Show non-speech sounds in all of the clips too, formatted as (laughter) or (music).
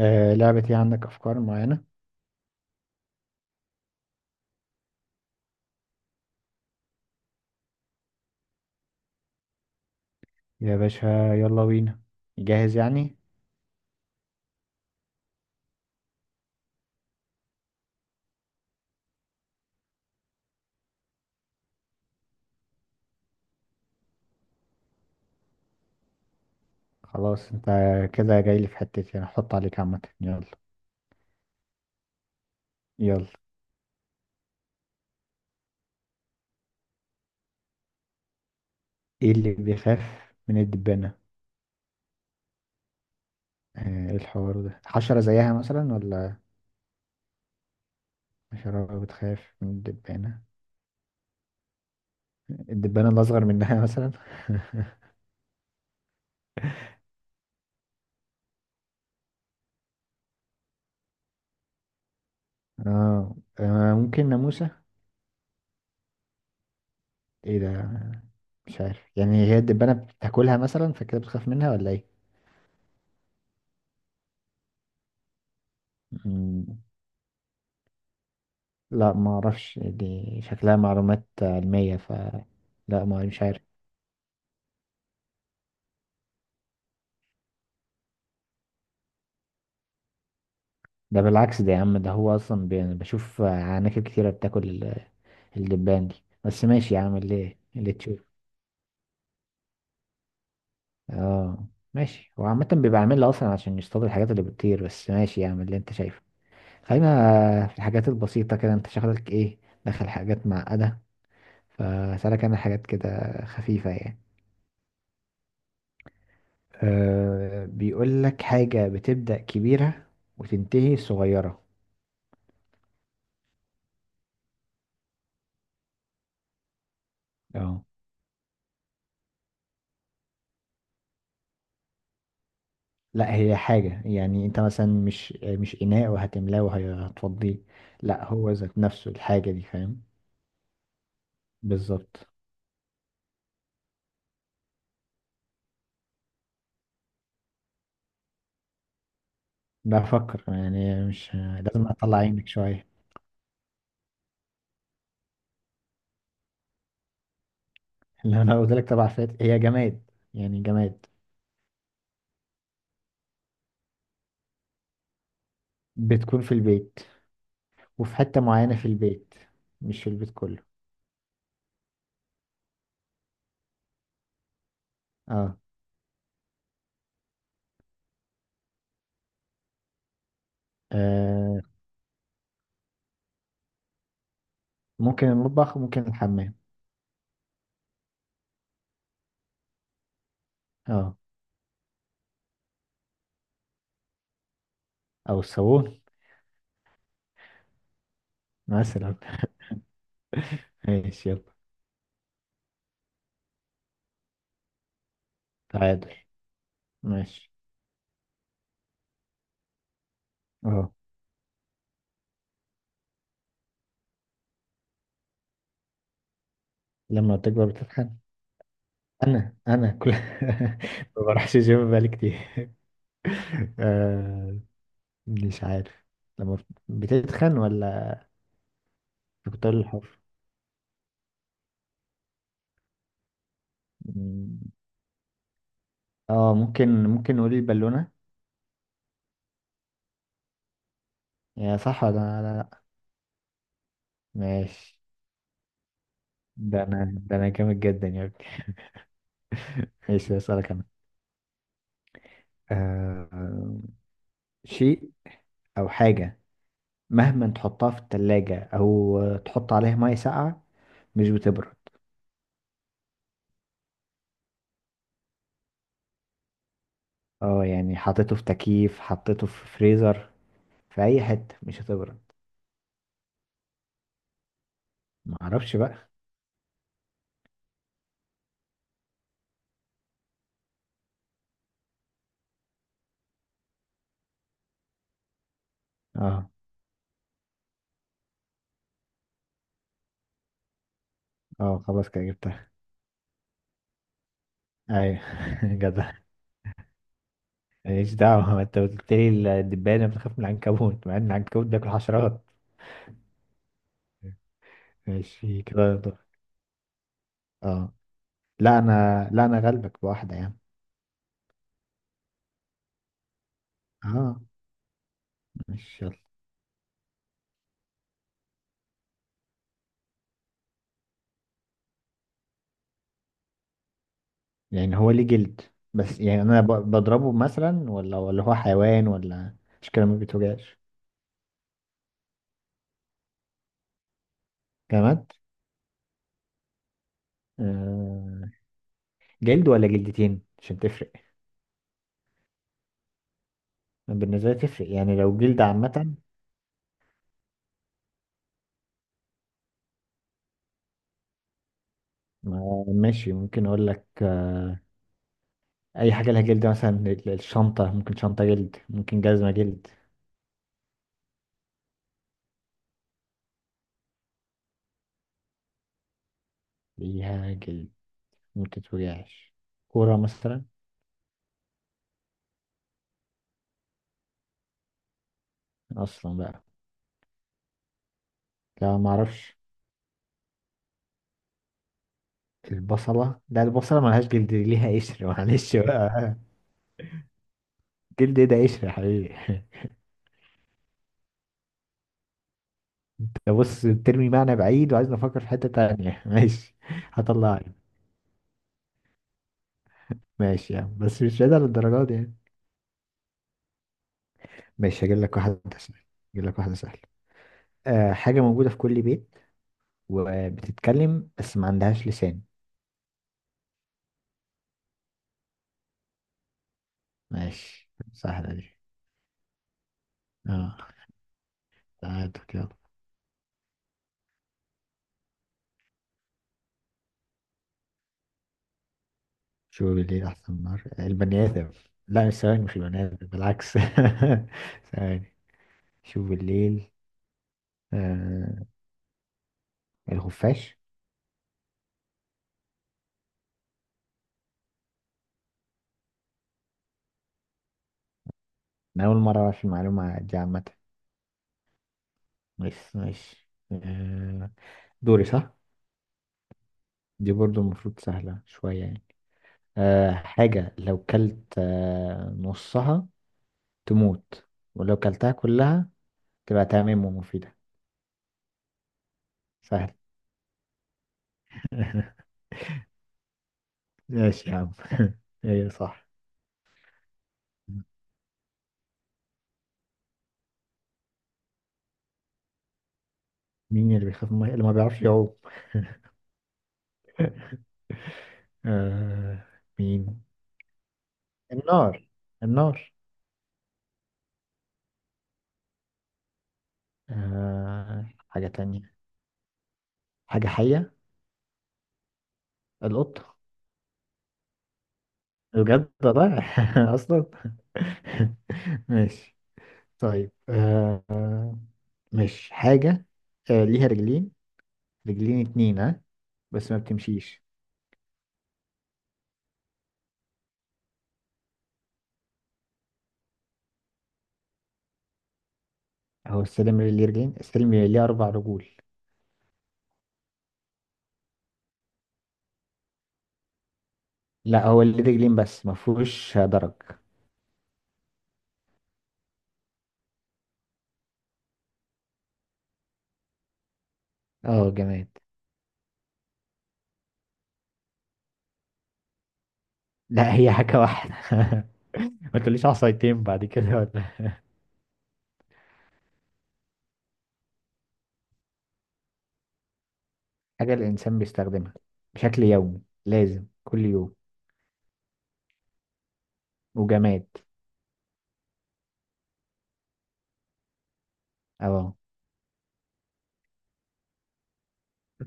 آه، لعبتي؟ عندك أفكار معينة يا باشا؟ يلا بينا. جاهز يعني. خلاص انت كده جاي لي في حتتي، انا هحط عليك عامة. يلا يلا، ايه اللي بيخاف من الدبانة؟ آه، ايه الحوار ده؟ حشرة زيها مثلا ولا حشرة بتخاف من الدبانة؟ الدبانة الأصغر منها (laughs) مثلا؟ اه، ممكن ناموسة؟ ايه ده؟ مش عارف يعني، هي الدبانة بتاكلها مثلا فكده بتخاف منها ولا ايه؟ لا، ما اعرفش دي، شكلها معلومات علمية، ف لا، ما مش عارف. ده بالعكس ده يا عم، ده هو اصلا بي... أنا بشوف عناكب كتيرة بتاكل الدبان دي. بس ماشي يا عم، اللي تشوف. اه ماشي، هو عامة بيبقى عاملها اصلا عشان يصطاد الحاجات اللي بتطير، بس ماشي يا عم اللي انت شايفه. خلينا في الحاجات البسيطة كده، انت شغلك ايه؟ دخل حاجات معقدة، فسألك انا حاجات كده خفيفة يعني. أه، بيقول لك حاجة بتبدأ كبيرة وتنتهي صغيرة. اه. لا هي حاجة، يعني انت مثلا مش اناء وهتملاه وهتفضيه. لا هو ذات نفسه الحاجة دي، فاهم؟ بالظبط. بفكر يعني، مش لازم اطلع عينك شوية. (laughs) لو انا قلت لك طبعا فات، هي جماد يعني، جماد. بتكون في البيت، وفي حتة معينة في البيت، مش في البيت كله. اه. آه. ممكن المطبخ، ممكن الحمام. اه، او الصالون مثلا. (laughs) ماشي يلا. تعادل. ماشي. اه، لما تكبر بتتخن؟ انا كل (laughs) ما بروحش جيم بقالي كتير. (laughs) آه، مش عارف، لما بتتخن ولا بتختار الحر؟ مم. اه، ممكن ممكن نقول البالونة. يا صح ولا لا؟ لا. ماشي. ده انا، ده انا جامد جدا يا ابني. (laughs) ماشي اسألك انا. آه، شيء او حاجة، مهما تحطها في التلاجة او تحط عليها مية ساقعة مش بتبرد. اه يعني حطيته في تكييف، حطيته في فريزر، في اي حتة مش هتبرد. ما اعرفش بقى. اه اه، خلاص كده جبتها. ايوه (laughs) جدع. ماليش دعوة، ما انت قلت لي الدبانة بتخاف من العنكبوت مع ان العنكبوت بياكل حشرات. ماشي كده دور. اه. لا انا، لا انا غلبك بواحدة يعني. اه ماشي يلا. يعني هو ليه جلد، بس يعني انا بضربه مثلا، ولا هو حيوان ولا مش كده ما بيتوجعش؟ جماد. آه. جلد ولا جلدتين عشان تفرق؟ بالنسبة لي تفرق، يعني لو جلد عامة. ماشي ممكن اقول لك اي حاجه لها جلد، مثلا الشنطه، ممكن شنطه جلد، ممكن جزمه جلد. ليها جلد، ممكن توجعش؟ كوره مثلا؟ اصلا بقى. لا، ما اعرفش. البصله؟ لا، البصله ملهاش جلد، دي ليها قشر. (laughs) معلش بقى. جلد ايه ده؟ قشر يا حبيبي. (laughs) انت بص بترمي معنى بعيد وعايزني افكر في حته تانية. (laughs) ماشي هطلعك. ماشي يعني، بس مش بعيد على الدرجات دي يعني. ماشي، هجيب لك واحده سهله، هجيب لك واحده سهله. أه، حاجه موجوده في كل بيت، وبتتكلم بس ما عندهاش لسان. ماشي سهلة دي. اه تعادل يلا. شو ليه أحسن؟ نار؟ البني آدم؟ لا مش ثواني، مش البني آدم بالعكس. (laughs) ثواني، شوف الليل. آه، الخفاش. أنا أول مرة أعرف المعلومة دي عامة. بس ماشي. آه، دوري صح؟ دي برضو المفروض سهلة شوية يعني. آه، حاجة لو كلت آه نصها تموت، ولو كلتها كلها تبقى تمام ومفيدة. سهل. (laughs) ماشي يا عم. (laughs) ايه صح. مين اللي بيخاف من المية؟ اللي ما بيعرفش يعوم. (laughs) آه، مين؟ النار. النار. آه، حاجة تانية؟ حاجة حية؟ القط. بجد والله، (laughs) أصلا. (laughs) ماشي. طيب آه، مش حاجة، آه ليها رجلين، رجلين اتنين ها، بس ما بتمشيش. هو السلم اللي ليه رجلين؟ السلم اللي ليه أربع رجول. لا هو اللي ليه رجلين بس ما فيهوش درج. اه جماد. لا هي حاجة واحدة. (laughs) ما تقوليش عصايتين بعد كده ولا؟ حاجة الإنسان بيستخدمها بشكل يومي، لازم كل يوم، وجماد. أهو.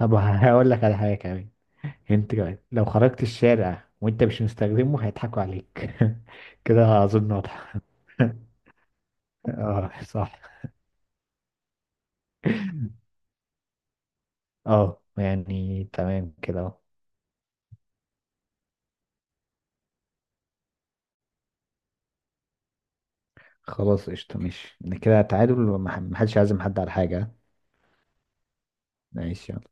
طب هقول لك على حاجة كمان. أنت كمان لو خرجت الشارع وأنت مش مستخدمه هيضحكوا عليك. (laughs) كده أظن واضحة. (laughs) اه صح. اه يعني تمام كده أهو. خلاص قشطة، ماشي كده تعادل، ومح- محدش عازم حد على حاجة. ماشي يلا.